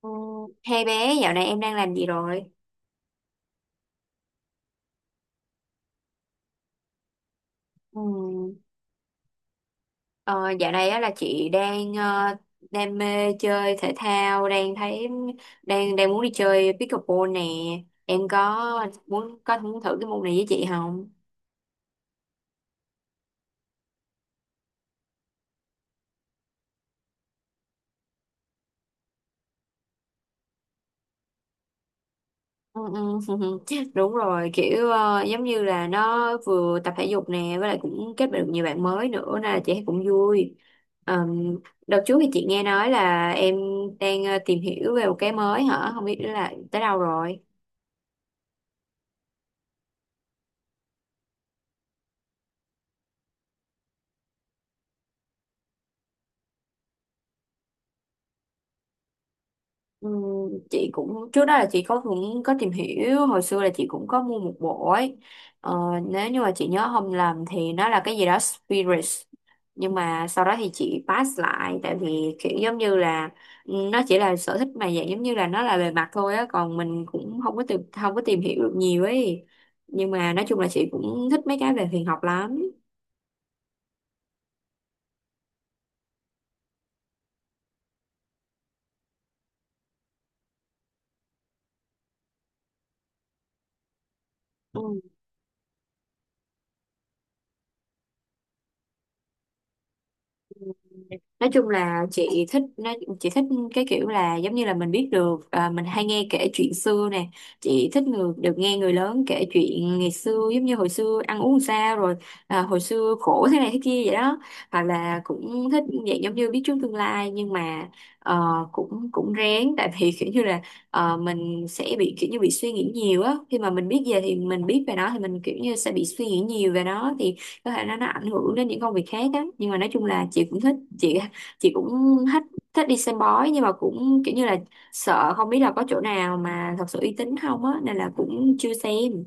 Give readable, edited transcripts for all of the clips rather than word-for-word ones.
Ừ. Hai bé dạo này em đang làm gì rồi? Ừ. Ờ, Dạo này á là chị đang đam mê chơi thể thao, đang thấy đang đang muốn đi chơi pickleball nè. Em có muốn thử cái môn này với chị không? Ừ, ừ. Đúng rồi, kiểu giống như là nó vừa tập thể dục nè, với lại cũng kết bạn được nhiều bạn mới nữa nên là chị cũng vui. Ờm, Đợt trước thì chị nghe nói là em đang tìm hiểu về một cái mới hả? Không biết là tới đâu rồi? Ừ, chị cũng trước đó là chị có cũng có tìm hiểu hồi xưa là chị cũng có mua một bộ ấy. ờ, Nếu như mà chị nhớ không lầm thì nó là cái gì đó Spirits, nhưng mà sau đó thì chị pass lại tại vì kiểu giống như là, ừ, nó chỉ là sở thích mà dạng giống như là nó là bề mặt thôi á, còn mình cũng không có tìm hiểu được nhiều ấy. Nhưng mà nói chung là chị cũng thích mấy cái về huyền học lắm. Nói chung là chị thích nó, chị thích cái kiểu là giống như là mình biết được, à, mình hay nghe kể chuyện xưa nè, chị được nghe người lớn kể chuyện ngày xưa, giống như hồi xưa ăn uống sao rồi, à, hồi xưa khổ thế này thế kia vậy đó. Hoặc là cũng thích dạng giống như biết trước tương lai, nhưng mà ờ, cũng cũng rén, tại vì kiểu như là, mình sẽ bị kiểu như bị suy nghĩ nhiều á khi mà mình biết về thì mình biết về nó thì mình kiểu như sẽ bị suy nghĩ nhiều về nó, thì có thể nó ảnh hưởng đến những công việc khác á. Nhưng mà nói chung là chị cũng thích, chị cũng thích thích đi xem bói, nhưng mà cũng kiểu như là sợ không biết là có chỗ nào mà thật sự uy tín không á, nên là cũng chưa xem.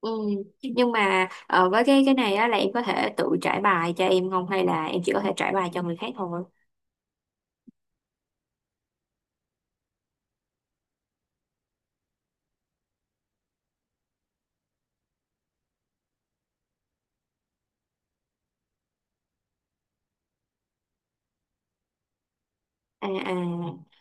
Ừ. Nhưng mà với cái này á, là em có thể tự trải bài cho em không, hay là em chỉ có thể trải bài cho người khác thôi? À à,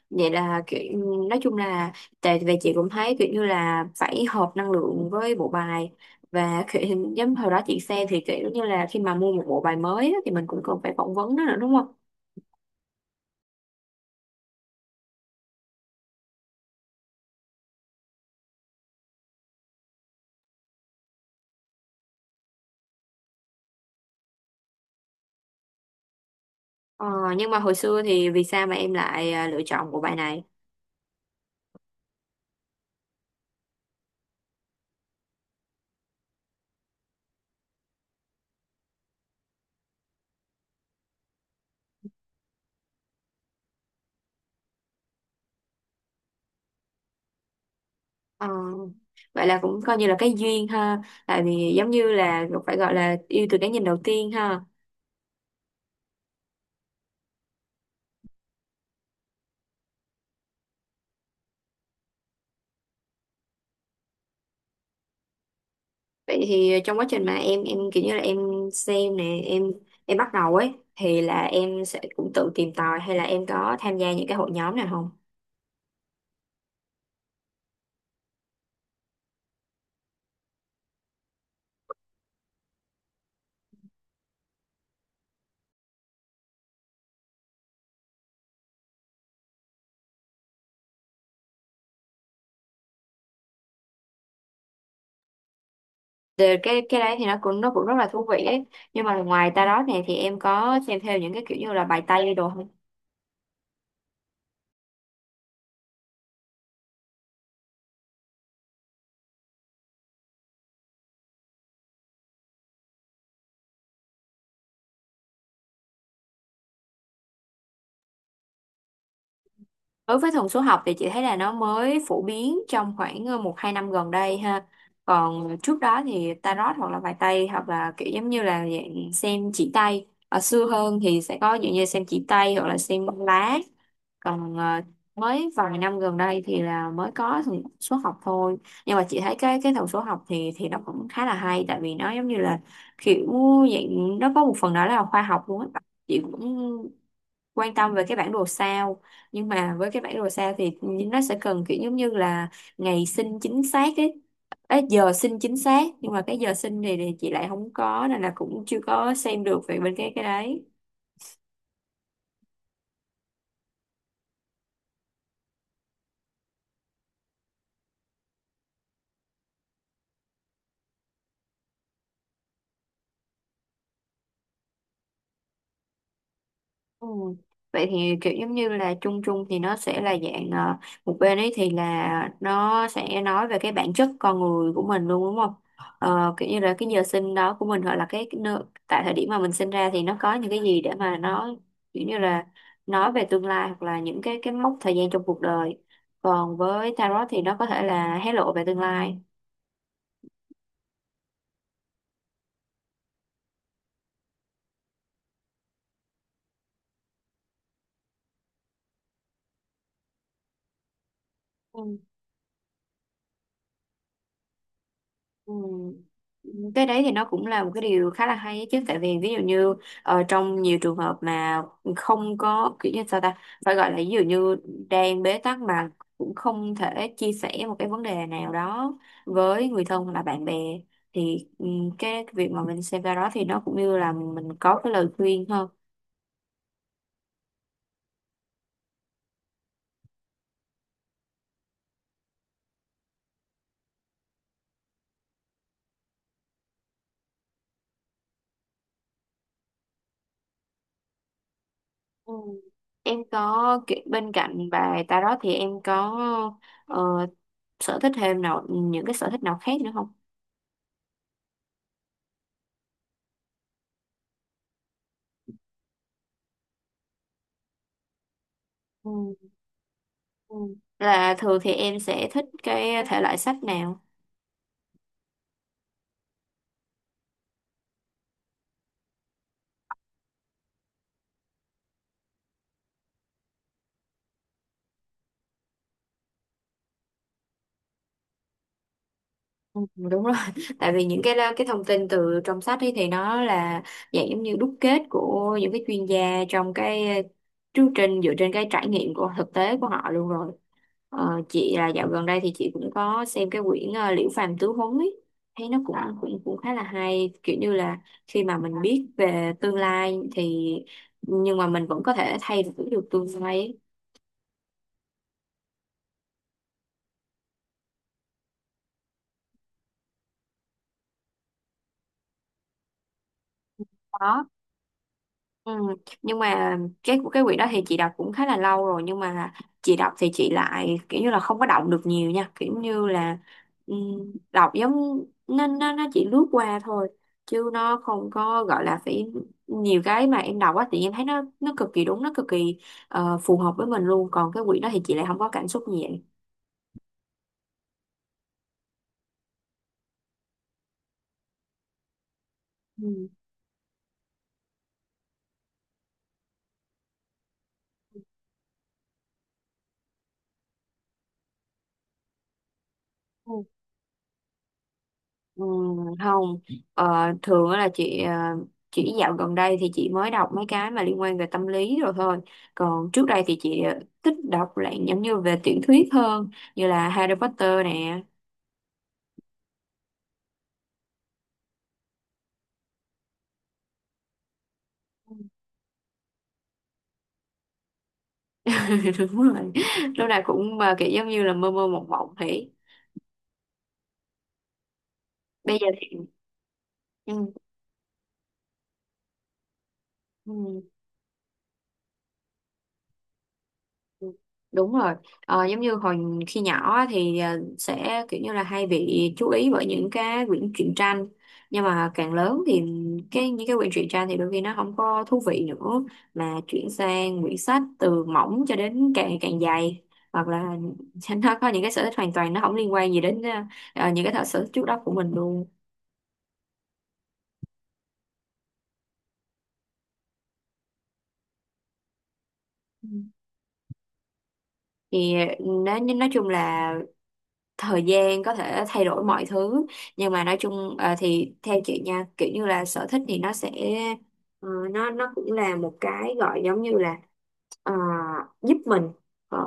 vậy là kiểu, nói chung là, tại vì chị cũng thấy kiểu như là phải hợp năng lượng với bộ bài, và kiểu, giống hồi đó chị xem thì kiểu như là khi mà mua một bộ bài mới á, thì mình cũng cần phải phỏng vấn nó nữa đúng không? Ờ, nhưng mà hồi xưa thì vì sao mà em lại, à, lựa chọn bộ bài này? Ờ, Vậy là cũng coi như là cái duyên ha, tại vì giống như là phải gọi là yêu từ cái nhìn đầu tiên ha. Vậy thì trong quá trình mà em kiểu như là em xem nè, em bắt đầu ấy thì là em sẽ cũng tự tìm tòi, hay là em có tham gia những cái hội nhóm nào không? Từ cái đấy thì nó cũng rất là thú vị ấy. Nhưng mà ngoài ta đó nè thì em có xem theo những cái kiểu như là bài Tây đồ không? Đối với thần số học thì chị thấy là nó mới phổ biến trong khoảng một hai năm gần đây ha. Còn trước đó thì tarot, hoặc là bài tây, hoặc là kiểu giống như là dạng xem chỉ tay, ở xưa hơn thì sẽ có dạng như xem chỉ tay hoặc là xem bóng lá. Còn mới vài năm gần đây thì là mới có thần số học thôi. Nhưng mà chị thấy cái thần số học thì nó cũng khá là hay, tại vì nó giống như là kiểu dạng nó có một phần đó là khoa học luôn á. Chị cũng quan tâm về cái bản đồ sao, nhưng mà với cái bản đồ sao thì nó sẽ cần kiểu giống như là ngày sinh chính xác ấy. Ê, giờ sinh chính xác, nhưng mà cái giờ sinh thì chị lại không có, nên là cũng chưa có xem được về bên cái đấy. Ừ. Vậy thì kiểu giống như là chung chung thì nó sẽ là dạng, một bên ấy thì là nó sẽ nói về cái bản chất con người của mình luôn đúng không? Ờ, kiểu như là cái giờ sinh đó của mình, hoặc là cái nơi, tại thời điểm mà mình sinh ra thì nó có những cái gì để mà nó kiểu như là nói về tương lai, hoặc là những cái mốc thời gian trong cuộc đời. Còn với tarot thì nó có thể là hé lộ về tương lai. Ừ. Cái đấy thì nó cũng là một cái điều khá là hay ấy chứ, tại vì ví dụ như, trong nhiều trường hợp mà không có kiểu như sao ta, phải gọi là ví dụ như đang bế tắc mà cũng không thể chia sẻ một cái vấn đề nào đó với người thân hoặc là bạn bè, thì ừ, cái việc mà mình xem ra đó thì nó cũng như là mình có cái lời khuyên hơn. Ừ. Em có kiểu- bên cạnh bài tarot thì em có ờ, sở thích thêm nào, những cái sở thích nào khác nữa không? Ừ. Là thường thì em sẽ thích cái thể loại sách nào? Ừ, đúng rồi. Tại vì những cái thông tin từ trong sách ấy thì nó là dạng giống như đúc kết của những cái chuyên gia trong cái chương trình, dựa trên cái trải nghiệm của thực tế của họ luôn rồi. Chị là dạo gần đây thì chị cũng có xem cái quyển, Liễu Phàm Tứ Huấn ấy, thấy nó cũng cũng cũng khá là hay, kiểu như là khi mà mình biết về tương lai thì nhưng mà mình vẫn có thể thay đổi được tương lai ấy. Đó. Ừ. Nhưng mà cái quyển đó thì chị đọc cũng khá là lâu rồi, nhưng mà chị đọc thì chị lại kiểu như là không có động được nhiều nha, kiểu như là đọc giống nó chỉ lướt qua thôi, chứ nó không có gọi là phải. Nhiều cái mà em đọc á thì em thấy nó cực kỳ đúng, nó cực kỳ phù hợp với mình luôn. Còn cái quyển đó thì chị lại không có cảm xúc gì vậy. Ừ. Ừ, không. Ờ, Thường á là chị, chỉ dạo gần đây thì chị mới đọc mấy cái mà liên quan về tâm lý rồi thôi. Còn trước đây thì chị thích đọc lại giống như về tiểu thuyết hơn, như là Harry Potter nè. Đúng rồi, lúc nào cũng mà kiểu giống như là mơ mơ mộng mộng thế. Bây giờ thì ừ, ừ. Ừ, đúng rồi, giống như hồi khi nhỏ á thì sẽ kiểu như là hay bị chú ý bởi những cái quyển truyện tranh. Nhưng mà càng lớn thì cái những cái quyển truyện tranh thì đôi khi nó không có thú vị nữa, mà chuyển sang quyển sách từ mỏng cho đến càng càng dày. Hoặc là nó có những cái sở thích hoàn toàn nó không liên quan gì đến những cái sở thích trước đó của mình luôn. Ừ. Thì nói chung là thời gian có thể thay đổi mọi thứ. Nhưng mà nói chung thì theo chị nha, kiểu như là sở thích thì nó sẽ, nó cũng là một cái gọi giống như là, ờ, giúp mình ở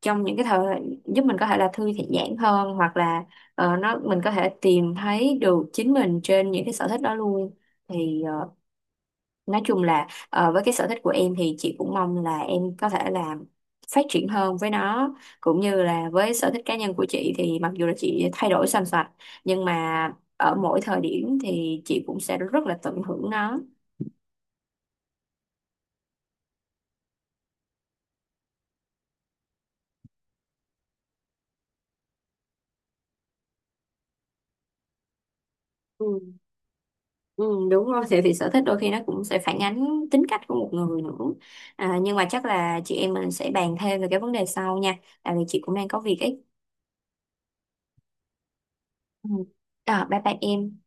trong những cái thời giúp mình có thể là thư giãn hơn, hoặc là nó mình có thể tìm thấy được chính mình trên những cái sở thích đó luôn. Thì nói chung là, với cái sở thích của em thì chị cũng mong là em có thể là phát triển hơn với nó, cũng như là với sở thích cá nhân của chị thì mặc dù là chị thay đổi xoành xoạch, nhưng mà ở mỗi thời điểm thì chị cũng sẽ rất là tận hưởng nó. Ừ, ừ, đúng rồi, thì sở thích đôi khi nó cũng sẽ phản ánh tính cách của một người nữa. À, nhưng mà chắc là chị em mình sẽ bàn thêm về cái vấn đề sau nha, tại vì chị cũng đang có việc ấy. Ừ. À, bye bye em.